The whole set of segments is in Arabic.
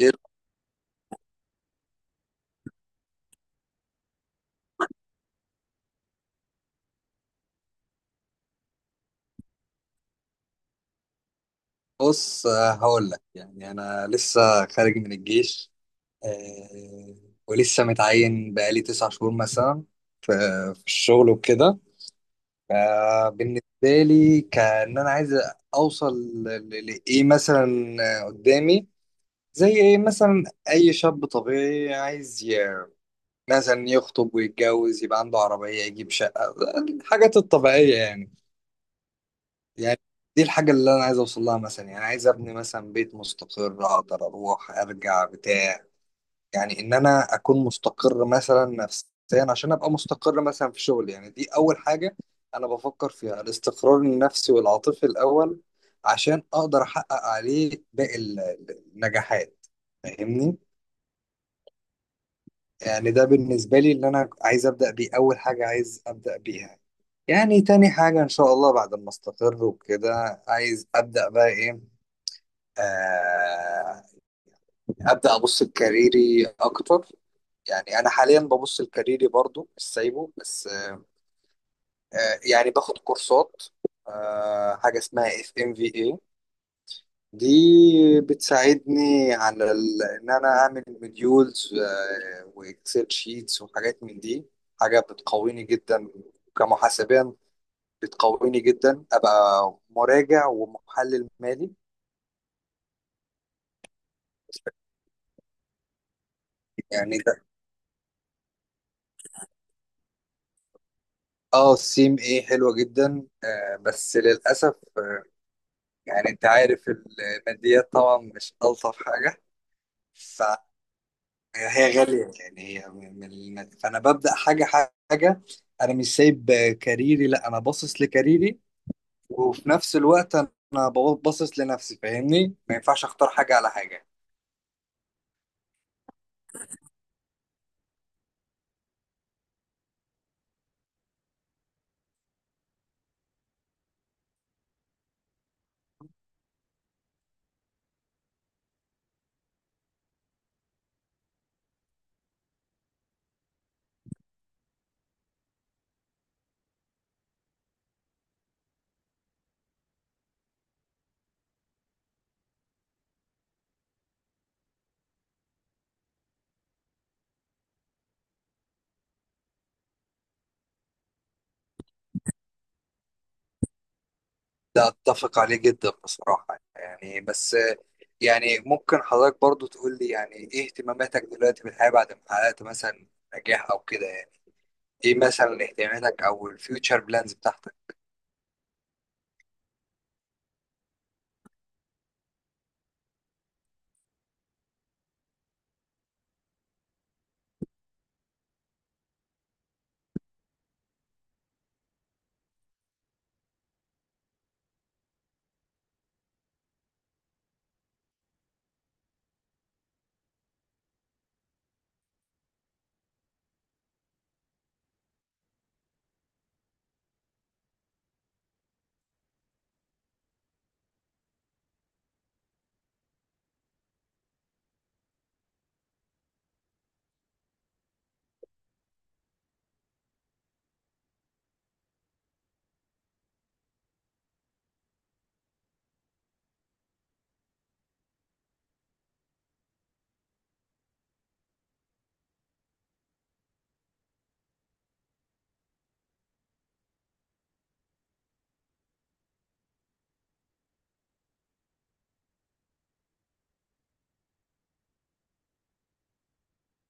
إيه، بص هقول لك يعني انا لسه خارج من الجيش. آه، ولسه متعين بقالي 9 شهور مثلا في في الشغل وكده. فبالنسبه لي كان انا عايز اوصل لايه مثلا قدامي، زي ايه مثلا. اي شاب طبيعي عايز مثلا يخطب ويتجوز، يبقى عنده عربيه، يجيب شقه، الحاجات الطبيعيه يعني. يعني دي الحاجة اللي أنا عايز أوصل لها، مثلا يعني عايز أبني مثلا بيت مستقر أقدر أروح أرجع بتاع، يعني إن أنا أكون مستقر مثلا نفسيا، عشان أبقى مستقر مثلا في شغلي. يعني دي أول حاجة أنا بفكر فيها، الاستقرار النفسي والعاطفي الأول، عشان أقدر أحقق عليه باقي النجاحات. فاهمني؟ يعني ده بالنسبة لي اللي أنا عايز أبدأ بيه، أول حاجة عايز أبدأ بيها. يعني تاني حاجة إن شاء الله بعد ما أستقر وكده عايز أبدأ بقى إيه، آه، ابدا ابص لكاريري اكتر. يعني انا حاليا ببص لكاريري برضو مش سايبه، بس يعني باخد كورسات. حاجه اسمها اف ام في اي دي، بتساعدني على ان انا اعمل مديولز واكسل شيتس وحاجات من دي. حاجه بتقويني جدا كمحاسبيا، بتقويني جدا ابقى مراجع ومحلل مالي يعني. اه السيم ايه حلوة جدا آه، بس للأسف آه يعني انت عارف الماديات طبعا مش ألطف حاجة، فهي غالية يعني، هي من فأنا ببدأ حاجة حاجة أنا مش سايب كاريري، لا أنا باصص لكاريري وفي نفس الوقت أنا باصص لنفسي. فاهمني؟ ما ينفعش أختار حاجة على حاجة. ده أتفق عليه جدا بصراحة يعني، بس يعني ممكن حضرتك برضو تقول لي يعني إيه اهتماماتك دلوقتي في الحياة بعد ما حققت مثلا نجاح أو كده. ايه مثلا اهتماماتك او الفيوتشر بلانز بتاعتك.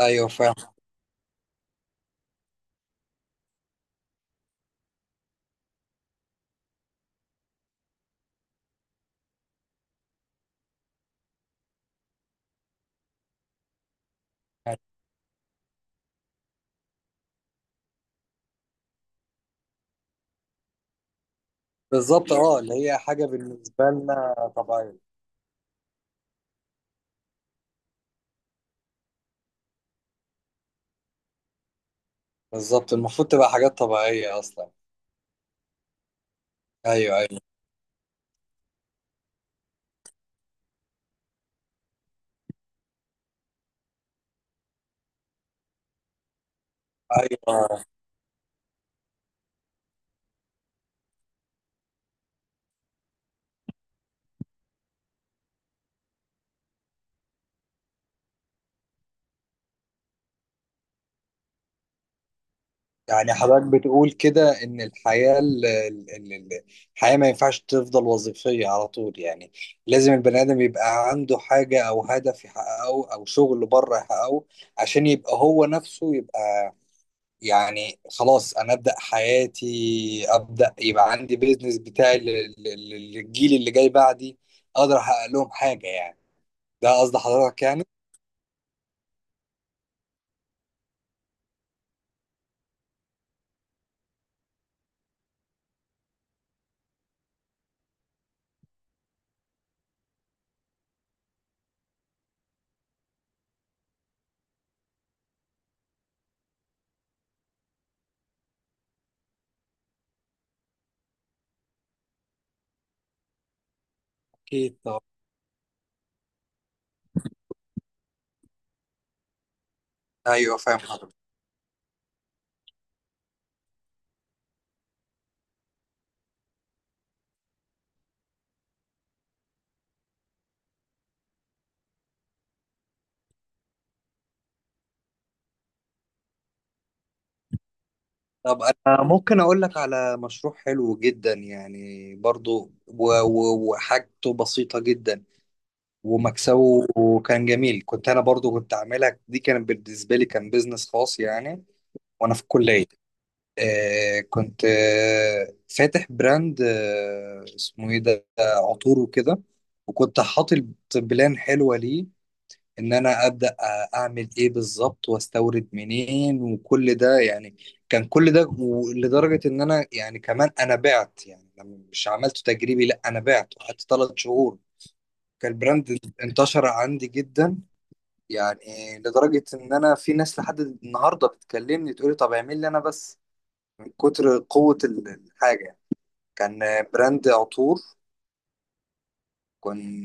ايوه فاهم. بالظبط اه، اللي هي حاجه بالنسبه لنا طبيعيه. بالظبط، المفروض تبقى حاجات طبيعيه اصلا. ايوه ايوه. ايوه يعني حضرتك بتقول كده ان الحياه الحياه ما ينفعش تفضل وظيفيه على طول يعني، لازم البني ادم يبقى عنده حاجه او هدف يحققه او شغل بره يحققه، عشان يبقى هو نفسه يبقى، يعني خلاص انا ابدا حياتي، ابدا يبقى عندي بيزنس بتاعي للجيل اللي جاي بعدي، اقدر احقق لهم حاجه يعني. ده قصد حضرتك يعني. اكيد طب. ايوه فاهم حضرتك. طب انا ممكن اقول لك على مشروع حلو جدا يعني برضو وحاجته بسيطه جدا ومكسبه كان جميل. كنت انا برضو كنت عاملها دي، كانت بالنسبه لي كان بيزنس خاص يعني وانا في الكليه. آه كنت آه فاتح براند آه اسمه ايه ده، عطور وكده. وكنت حاطط بلان حلوة ليه ان انا ابدا اعمل ايه بالظبط، واستورد منين، وكل ده يعني. كان كل ده لدرجة ان انا يعني كمان انا بعت، يعني مش عملته تجريبي، لا انا بعت وقعدت 3 شهور. كان البراند انتشر عندي جدا، يعني لدرجة ان انا في ناس لحد النهاردة بتكلمني تقولي طب اعمل لي انا بس، كتر قوة الحاجة. كان براند عطور كان.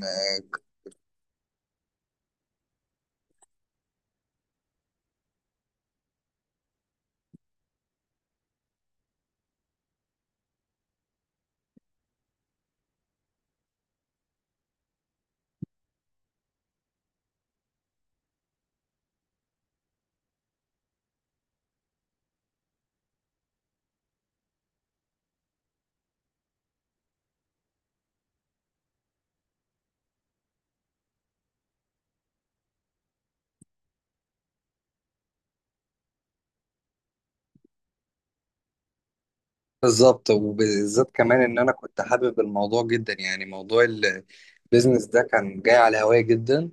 بالظبط، وبالذات كمان ان انا كنت حابب الموضوع جدا، يعني موضوع البيزنس ده كان جاي على هواي جدا،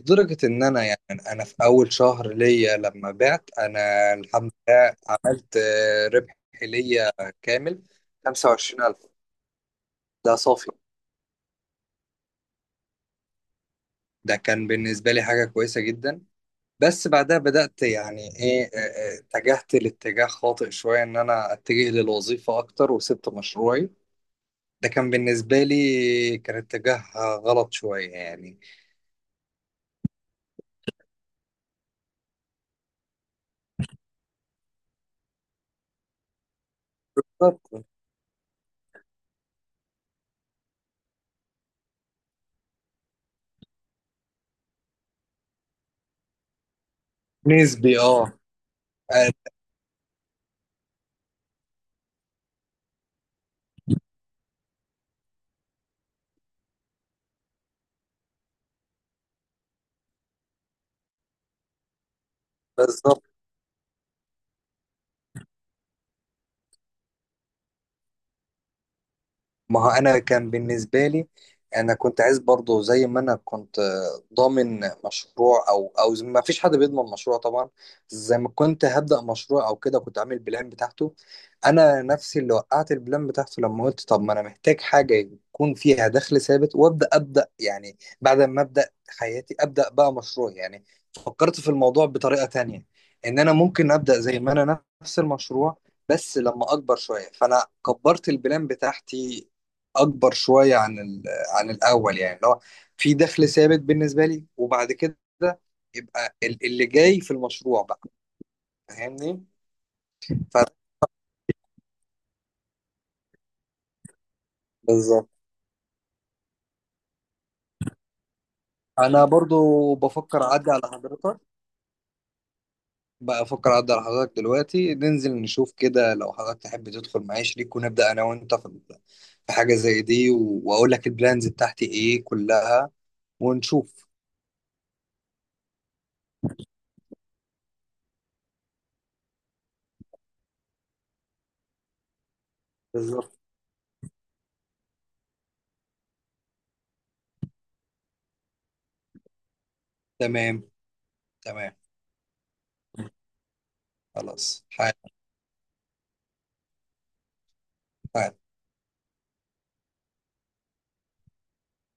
لدرجة ان انا يعني انا في اول شهر ليا لما بعت، انا الحمد لله عملت ربح ليا كامل 25,000، ده صافي. ده كان بالنسبة لي حاجة كويسة جدا. بس بعدها بدأت يعني ايه اتجهت لاتجاه خاطئ شوية، ان انا اتجه للوظيفة اكتر وسبت مشروعي. ده كان بالنسبة لي كان اتجاه غلط شوية يعني. بالظبط. نسبي اه. آه، بالظبط. ما هو انا كان بالنسبه لي، انا كنت عايز برضه زي ما انا كنت ضامن مشروع، او ما فيش حد بيضمن مشروع طبعا. زي ما كنت هبدا مشروع او كده، كنت عامل بلان بتاعته، انا نفسي اللي وقعت البلان بتاعته، لما قلت طب ما انا محتاج حاجه يكون فيها دخل ثابت وابدا، ابدا يعني بعد ما ابدا حياتي ابدا بقى مشروع يعني. فكرت في الموضوع بطريقه تانية، ان انا ممكن ابدا زي ما انا نفس المشروع بس لما اكبر شويه، فانا كبرت البلان بتاعتي اكبر شويه عن عن الاول، يعني اللي هو في دخل ثابت بالنسبه لي، وبعد كده يبقى اللي جاي في المشروع بقى. فاهمني؟ ف- بالظبط. انا برضو بفكر اعدي على حضرتك، بقى افكر اعدي على حضرتك دلوقتي ننزل نشوف كده، لو حضرتك تحب تدخل معايا شريك، ونبدا انا وانت في في حاجه زي دي، واقول لك البلانز بتاعتي ايه كلها ونشوف. بالظبط. تمام. تمام خلاص حاجة